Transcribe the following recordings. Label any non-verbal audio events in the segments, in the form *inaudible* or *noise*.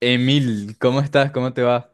Emil, ¿cómo estás? ¿Cómo te va?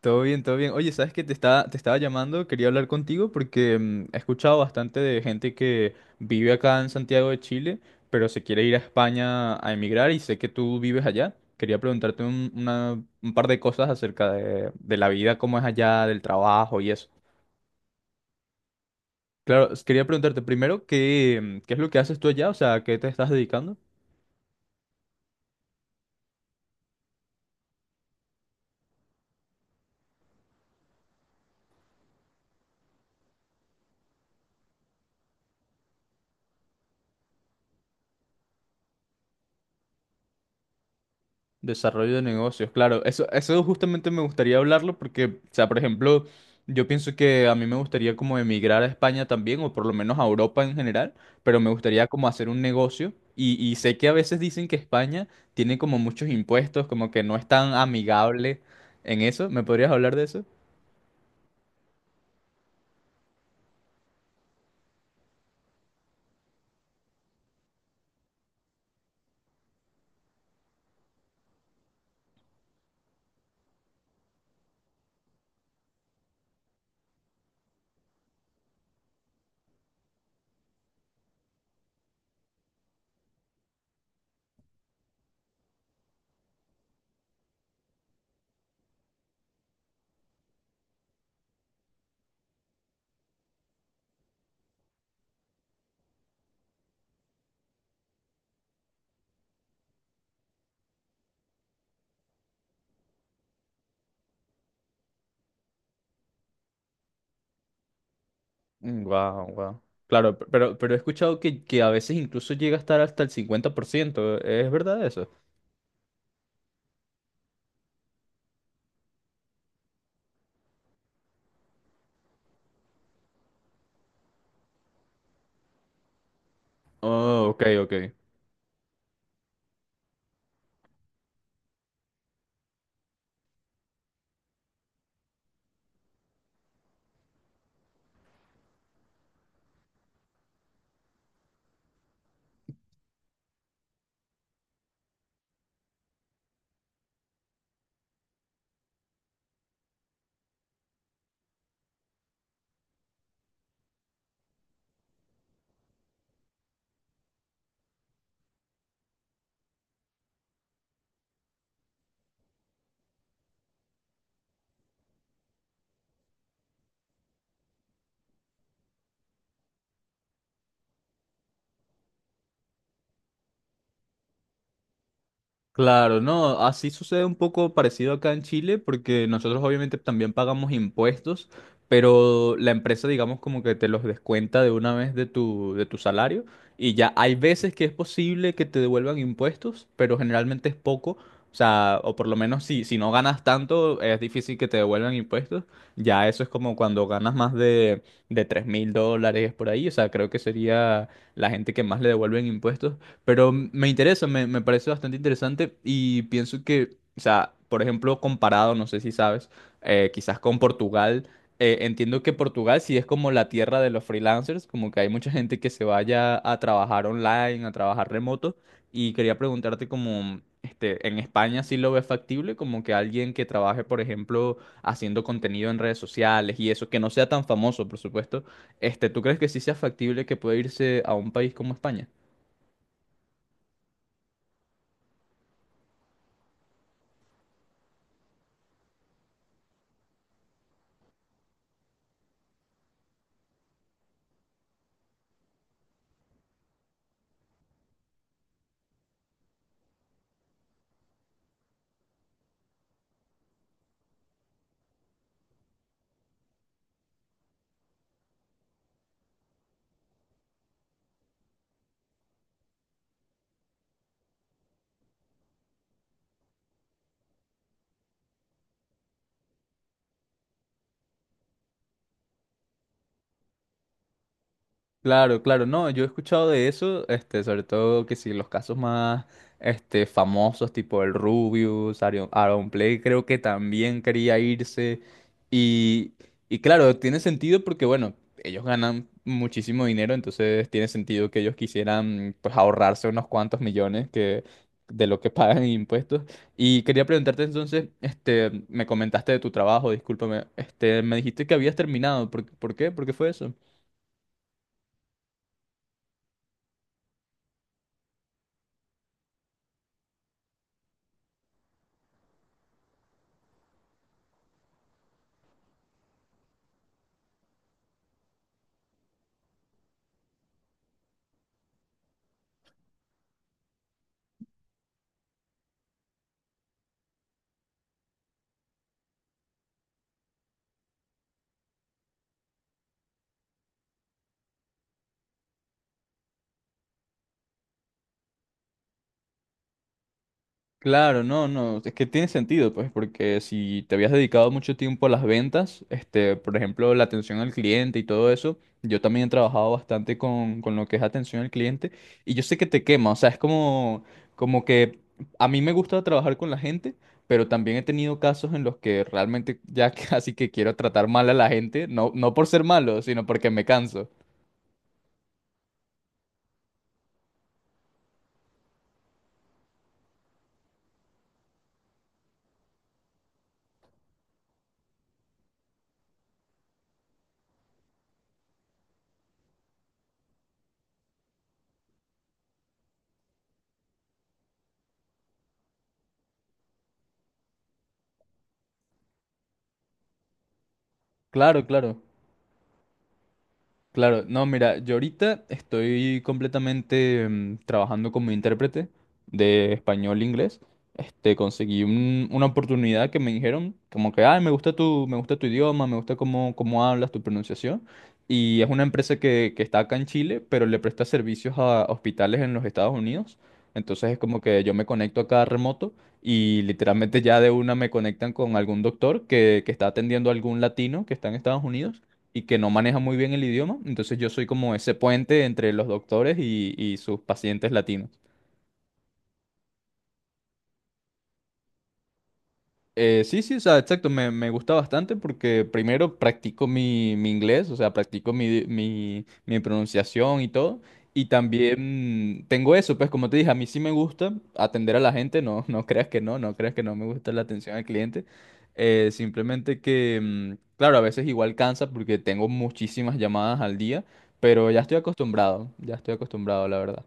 Todo bien, todo bien. Oye, ¿sabes qué? Te estaba llamando, quería hablar contigo porque he escuchado bastante de gente que vive acá en Santiago de Chile, pero se quiere ir a España a emigrar y sé que tú vives allá. Quería preguntarte un par de cosas acerca de la vida, cómo es allá, del trabajo y eso. Claro, quería preguntarte primero, ¿qué es lo que haces tú allá? O sea, ¿a qué te estás dedicando? Desarrollo de negocios, claro. Eso justamente me gustaría hablarlo porque, o sea, por ejemplo, yo pienso que a mí me gustaría como emigrar a España también, o por lo menos a Europa en general, pero me gustaría como hacer un negocio. Y sé que a veces dicen que España tiene como muchos impuestos, como que no es tan amigable en eso. ¿Me podrías hablar de eso? Wow, wow. Claro, pero he escuchado que a veces incluso llega a estar hasta el 50%. ¿Es verdad eso? Oh, ok, ok. Claro, no, así sucede un poco parecido acá en Chile, porque nosotros obviamente también pagamos impuestos, pero la empresa, digamos, como que te los descuenta de una vez de tu salario, y ya hay veces que es posible que te devuelvan impuestos, pero generalmente es poco, o sea, o por lo menos si no ganas tanto, es difícil que te devuelvan impuestos, ya eso es como cuando ganas más de $3,000 por ahí, o sea, creo que sería la gente que más le devuelven impuestos. Pero me interesa, me parece bastante interesante y pienso que, o sea, por ejemplo, comparado, no sé si sabes, quizás con Portugal, entiendo que Portugal sí es como la tierra de los freelancers, como que hay mucha gente que se vaya a trabajar online, a trabajar remoto, y quería preguntarte como, este, en España sí lo ves factible, como que alguien que trabaje, por ejemplo, haciendo contenido en redes sociales y eso, que no sea tan famoso, por supuesto, este, ¿tú crees que sí sea factible que pueda irse a un país como España? Claro, claro, no, yo he escuchado de eso, este, sobre todo que si los casos más, este, famosos, tipo el Rubius, Aaron, Play, creo que también quería irse, y, y claro, tiene sentido porque, bueno, ellos ganan muchísimo dinero, entonces tiene sentido que ellos quisieran, pues, ahorrarse unos cuantos millones que, de lo que pagan en impuestos, y quería preguntarte entonces, este, me comentaste de tu trabajo, discúlpame, este, me dijiste que habías terminado, ¿por qué? ¿Por qué fue eso? Claro, no, no, es que tiene sentido, pues, porque si te habías dedicado mucho tiempo a las ventas, este, por ejemplo, la atención al cliente y todo eso, yo también he trabajado bastante con lo que es atención al cliente y yo sé que te quema, o sea, es como, como que a mí me gusta trabajar con la gente, pero también he tenido casos en los que realmente ya *laughs* casi que quiero tratar mal a la gente, no, no por ser malo, sino porque me canso. Claro, claro. Claro, no, mira, yo ahorita estoy completamente trabajando como intérprete de español-inglés. E inglés. Este, conseguí una oportunidad que me dijeron como que, ay, me gusta tu idioma, me gusta cómo hablas, tu pronunciación. Y es una empresa que está acá en Chile, pero le presta servicios a hospitales en los Estados Unidos. Entonces es como que yo me conecto acá remoto y literalmente ya de una me conectan con algún doctor que está atendiendo a algún latino que está en Estados Unidos y que no maneja muy bien el idioma. Entonces yo soy como ese puente entre los doctores y sus pacientes latinos. Sí, sí, o sea, exacto, me gusta bastante porque primero practico mi inglés, o sea, practico mi pronunciación y todo, y también tengo eso, pues como te dije, a mí sí me gusta atender a la gente, no, *laughs* no creas que no, no creas que no me gusta la atención al cliente, simplemente que, claro, a veces igual cansa porque tengo muchísimas llamadas al día, pero ya estoy acostumbrado, la verdad.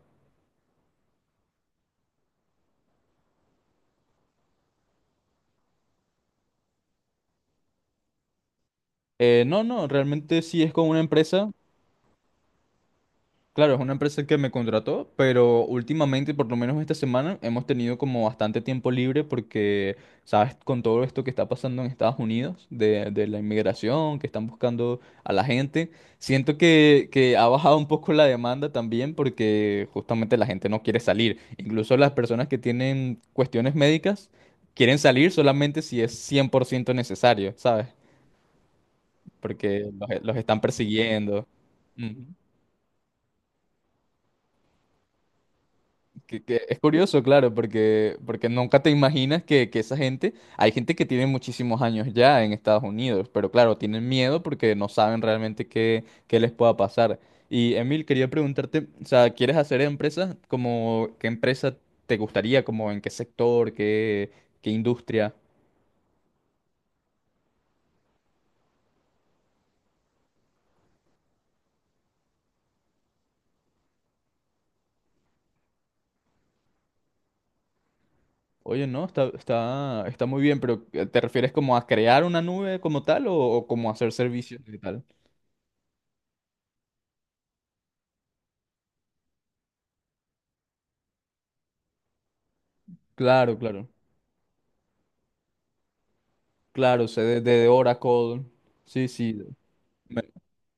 No, no, realmente sí es con una empresa. Claro, es una empresa que me contrató, pero últimamente, por lo menos esta semana, hemos tenido como bastante tiempo libre porque, sabes, con todo esto que está pasando en Estados Unidos, de la inmigración, que están buscando a la gente, siento que ha bajado un poco la demanda también porque justamente la gente no quiere salir. Incluso las personas que tienen cuestiones médicas quieren salir solamente si es 100% necesario, ¿sabes? Porque los están persiguiendo. Que es curioso, claro, porque nunca te imaginas que esa gente, hay gente que tiene muchísimos años ya en Estados Unidos, pero claro, tienen miedo porque no saben realmente qué les pueda pasar. Y Emil, quería preguntarte, o sea, ¿quieres hacer empresas? Como, ¿qué empresa te gustaría? Como, ¿en qué sector? ¿Qué industria? Oye, no, está muy bien, pero ¿te refieres como a crear una nube como tal o como hacer servicios y tal? Claro, claro, claro, sé de Oracle. Sí, sí. Me-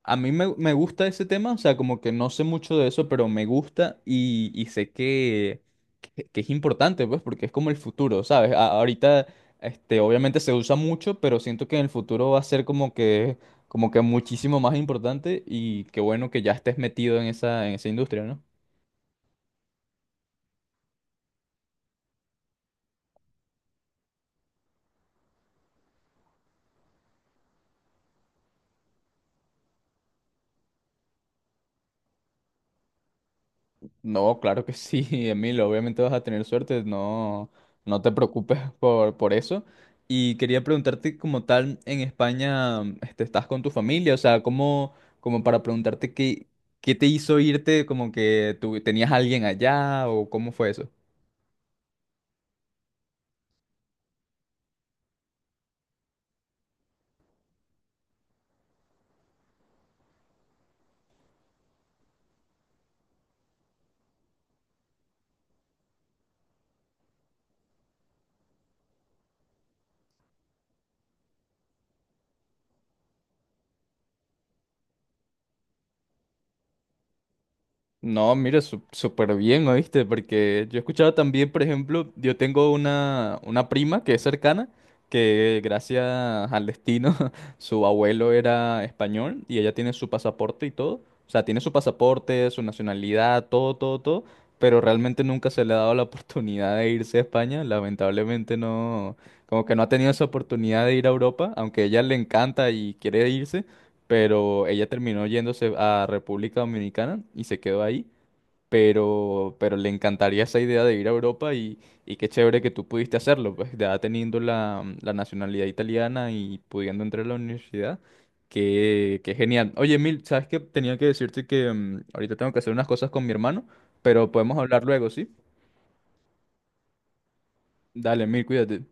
A mí me gusta ese tema, o sea, como que no sé mucho de eso, pero me gusta y sé que es importante, pues, porque es como el futuro, ¿sabes? Ahorita, este, obviamente se usa mucho, pero siento que en el futuro va a ser como que muchísimo más importante y qué bueno que ya estés metido en esa, industria, ¿no? No, claro que sí, *laughs* Emilio, obviamente vas a tener suerte, no, no te preocupes *laughs* por eso. Y quería preguntarte como tal, en España, este, ¿estás con tu familia? O sea, como para preguntarte qué te hizo irte, como que tú tenías a alguien allá o cómo fue eso? No, mira, súper bien, ¿oíste? Porque yo he escuchado también, por ejemplo, yo tengo una prima que es cercana, que gracias al destino, *laughs* su abuelo era español y ella tiene su pasaporte y todo. O sea, tiene su pasaporte, su nacionalidad, todo, todo, todo, pero realmente nunca se le ha dado la *laughs* oportunidad de irse a España. Lamentablemente no, como que no ha tenido esa oportunidad de ir a Europa, aunque a ella le encanta y quiere irse pero ella terminó yéndose a República Dominicana y se quedó ahí, pero le encantaría esa idea de ir a Europa y qué chévere que tú pudiste hacerlo, pues ya teniendo la nacionalidad italiana y pudiendo entrar a la universidad, que genial. Oye, Emil, ¿sabes qué? Tenía que decirte que ahorita tengo que hacer unas cosas con mi hermano, pero podemos hablar luego, ¿sí? Dale, Emil, cuídate.